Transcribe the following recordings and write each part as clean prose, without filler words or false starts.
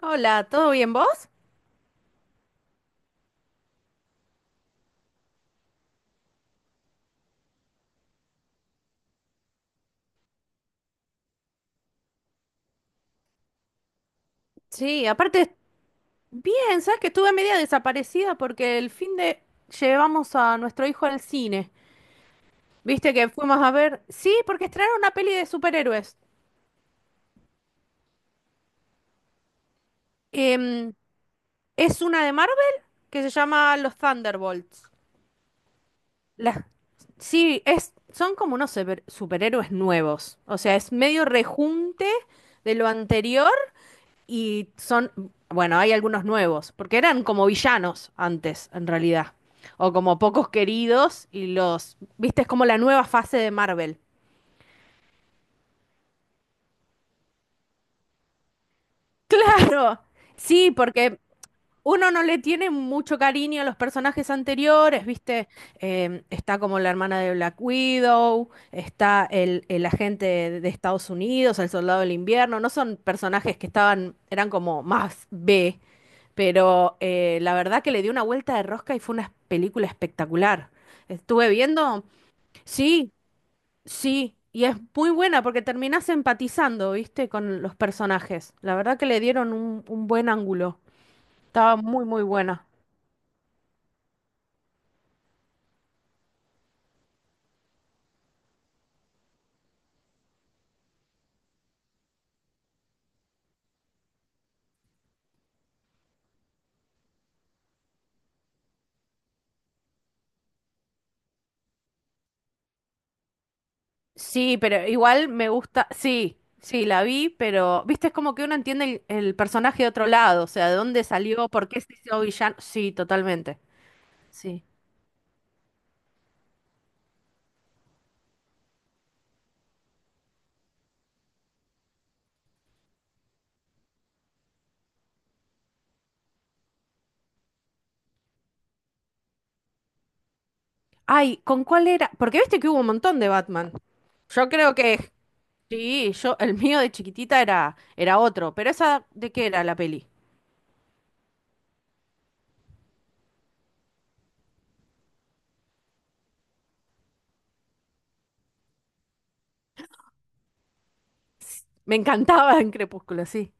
Hola, ¿todo bien vos? Sí, aparte, bien, sabes que estuve media desaparecida porque el fin de llevamos a nuestro hijo al cine. ¿Viste que fuimos a ver? Sí, porque estrenaron una peli de superhéroes. Em, es una de Marvel que se llama Los Thunderbolts. La- Sí, es, son como unos superhéroes nuevos. O sea, es medio rejunte de lo anterior. Y son, bueno, hay algunos nuevos, porque eran como villanos antes, en realidad. O como pocos queridos y los, viste, es como la nueva fase de Marvel. Claro, sí, porque uno no le tiene mucho cariño a los personajes anteriores, viste. Está como la hermana de Black Widow, está el agente de Estados Unidos, el soldado del invierno, no son personajes que estaban, eran como más B. Pero la verdad que le dio una vuelta de rosca y fue una película espectacular. Estuve viendo, sí, sí, y es muy buena porque terminás empatizando, ¿viste? Con los personajes. La verdad que le dieron un buen ángulo. Estaba muy, muy buena. Sí, pero igual me gusta, sí, sí, la vi, pero, ¿viste? Es como que uno entiende el personaje de otro lado, o sea, de dónde salió, por qué se hizo villano. Sí, totalmente. Sí. Ay, ¿con cuál era? Porque viste que hubo un montón de Batman. Yo creo que sí, yo, el mío de chiquitita era, era otro, pero esa, ¿de qué era la peli? Me encantaba en Crepúsculo, sí.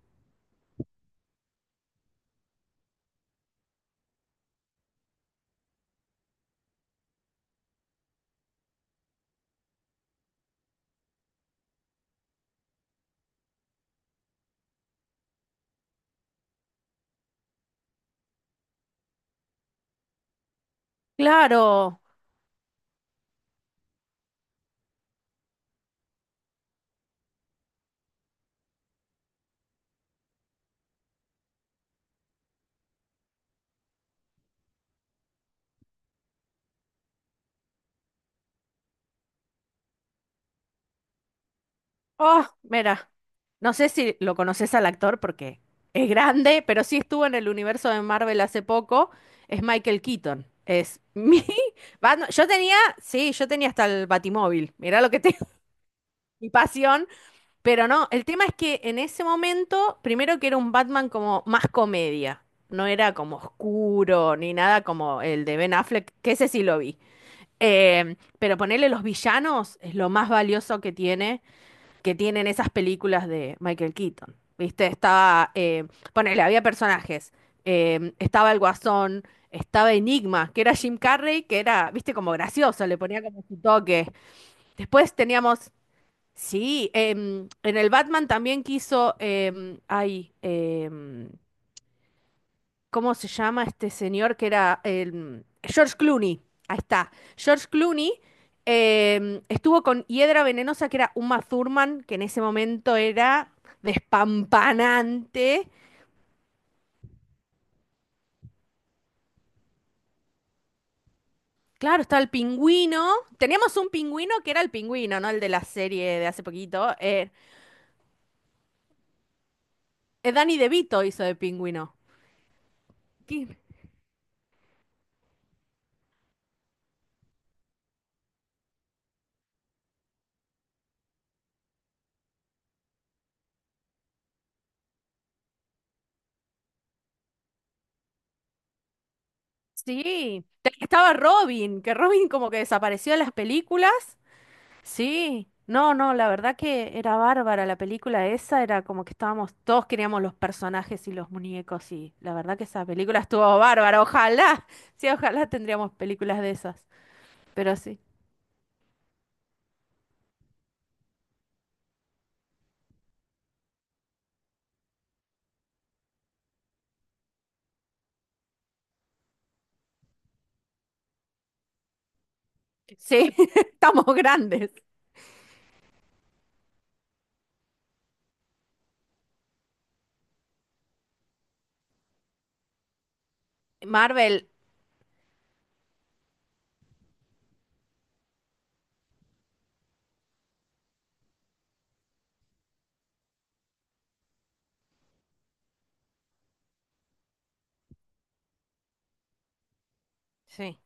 Claro. Oh, mira. No sé si lo conoces al actor porque es grande, pero sí estuvo en el universo de Marvel hace poco. Es Michael Keaton. Es mi Batman. Yo tenía, sí, yo tenía hasta el Batimóvil. Mirá lo que tengo. Mi pasión. Pero no, el tema es que en ese momento, primero que era un Batman como más comedia, no era como oscuro ni nada como el de Ben Affleck, que ese sí lo vi. Pero ponerle los villanos es lo más valioso que tienen esas películas de Michael Keaton. ¿Viste? Estaba, ponele, había personajes. Estaba el Guasón, estaba Enigma, que era Jim Carrey, que era, viste, como gracioso, le ponía como su toque. Después teníamos sí, en el Batman también quiso, ay, ¿cómo se llama este señor que era George Clooney? Ahí está. George Clooney estuvo con Hiedra Venenosa, que era Uma Thurman, que en ese momento era despampanante. Claro, está el pingüino. Teníamos un pingüino que era el pingüino, ¿no? El de la serie de hace poquito. Danny DeVito hizo de pingüino. Sí, de ahí estaba Robin, que Robin como que desapareció de las películas. Sí, no, no, la verdad que era bárbara la película esa, era como que estábamos, todos queríamos los personajes y los muñecos y la verdad que esa película estuvo bárbara, ojalá, sí, ojalá tendríamos películas de esas, pero sí, sí, estamos grandes. Marvel, sí,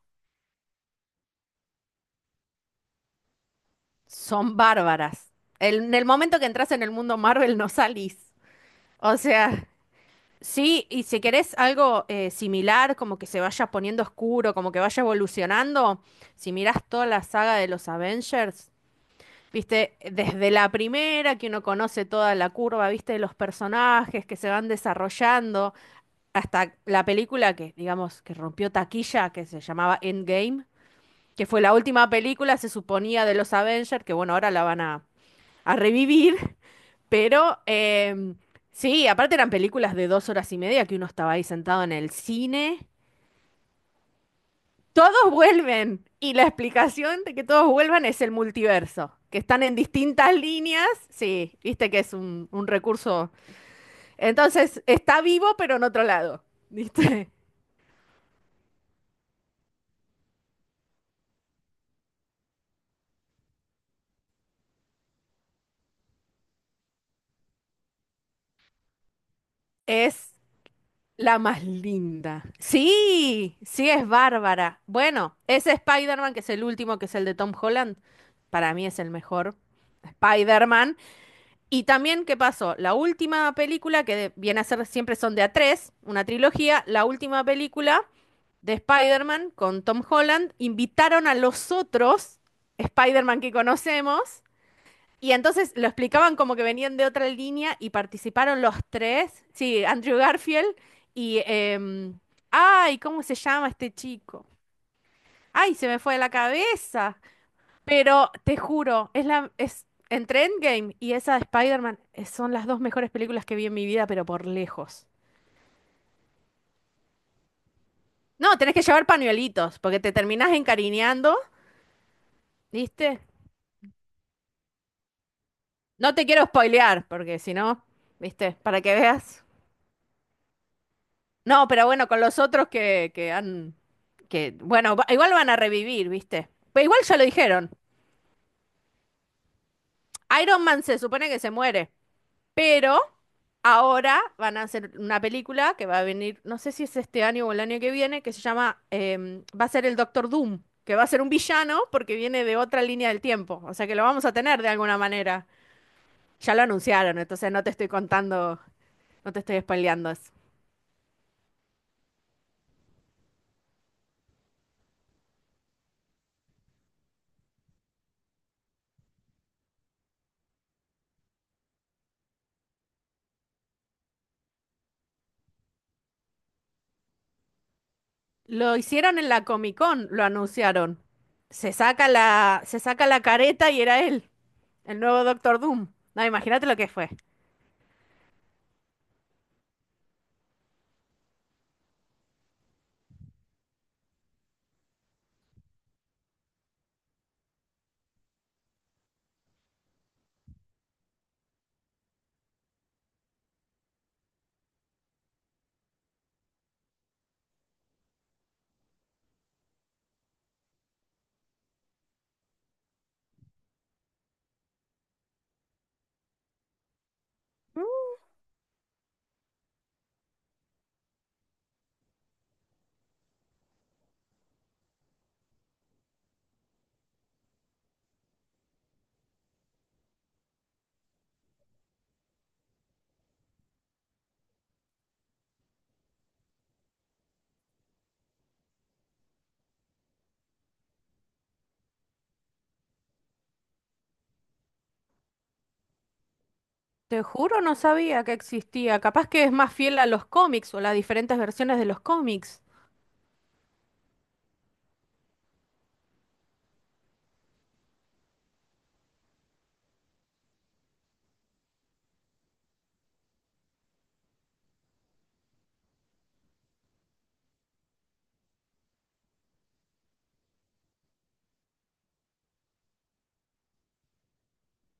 son bárbaras. En el momento que entras en el mundo Marvel no salís, o sea... Sí, y si querés algo similar, como que se vaya poniendo oscuro, como que vaya evolucionando, si mirás toda la saga de los Avengers, viste, desde la primera que uno conoce toda la curva, viste, de los personajes que se van desarrollando, hasta la película que, digamos, que rompió taquilla, que se llamaba Endgame, que fue la última película, se suponía, de los Avengers, que bueno, ahora la van a revivir. Pero sí, aparte eran películas de 2 horas y media que uno estaba ahí sentado en el cine. Todos vuelven. Y la explicación de que todos vuelvan es el multiverso. Que están en distintas líneas. Sí, viste que es un recurso. Entonces, está vivo, pero en otro lado. ¿Viste? Es la más linda. Sí, sí, es bárbara. Bueno, ese Spider-Man, que es el último, que es el de Tom Holland, para mí es el mejor. Spider-Man. Y también, ¿qué pasó? La última película, que viene a ser siempre son de a tres, una trilogía, la última película de Spider-Man con Tom Holland, invitaron a los otros Spider-Man que conocemos y entonces lo explicaban como que venían de otra línea y participaron los tres, sí, Andrew Garfield y... ay, ¿cómo se llama este chico? Ay, se me fue de la cabeza. Pero te juro, es la, es entre Endgame y esa de Spider-Man, son las dos mejores películas que vi en mi vida, pero por lejos. No, tenés que llevar pañuelitos, porque te terminás encariñando, ¿viste? No te quiero spoilear, porque si no, ¿viste? Para que veas. No, pero bueno, con los otros que han, que, bueno, igual van a revivir, ¿viste? Pero igual ya lo dijeron. Iron Man se supone que se muere. Pero ahora van a hacer una película que va a venir, no sé si es este año o el año que viene, que se llama, va a ser el Doctor Doom, que va a ser un villano porque viene de otra línea del tiempo. O sea que lo vamos a tener de alguna manera. Ya lo anunciaron, entonces no te estoy contando, no te estoy spoileando eso. Lo hicieron en la Comic Con, lo anunciaron. Se saca la careta y era él, el nuevo Doctor Doom. No, imagínate lo que fue. Te juro, no sabía que existía. Capaz que es más fiel a los cómics o las diferentes versiones de los cómics.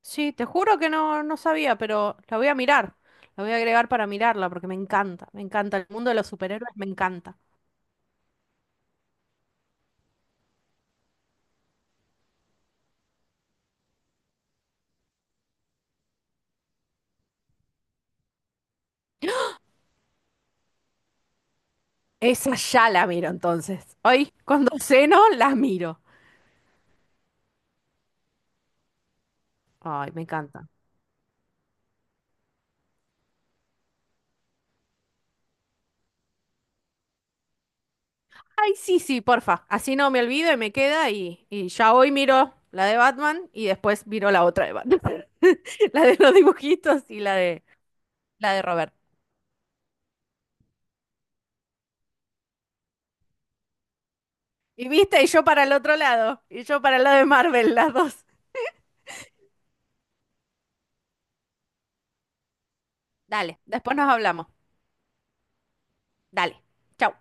Sí, te juro que no, no sabía, pero la voy a mirar. La voy a agregar para mirarla porque me encanta, me encanta. El mundo de los superhéroes me encanta. Esa ya la miro entonces. Hoy, cuando ceno, la miro. Ay, me encanta. Ay, sí, sí, porfa. Así no me olvido y me queda y ya hoy miro la de Batman y después miro la otra de Batman. La de los dibujitos y la de Robert. Y viste, y yo para el otro lado, y yo para el lado de Marvel, las dos. Dale, después nos hablamos. Dale. Chau.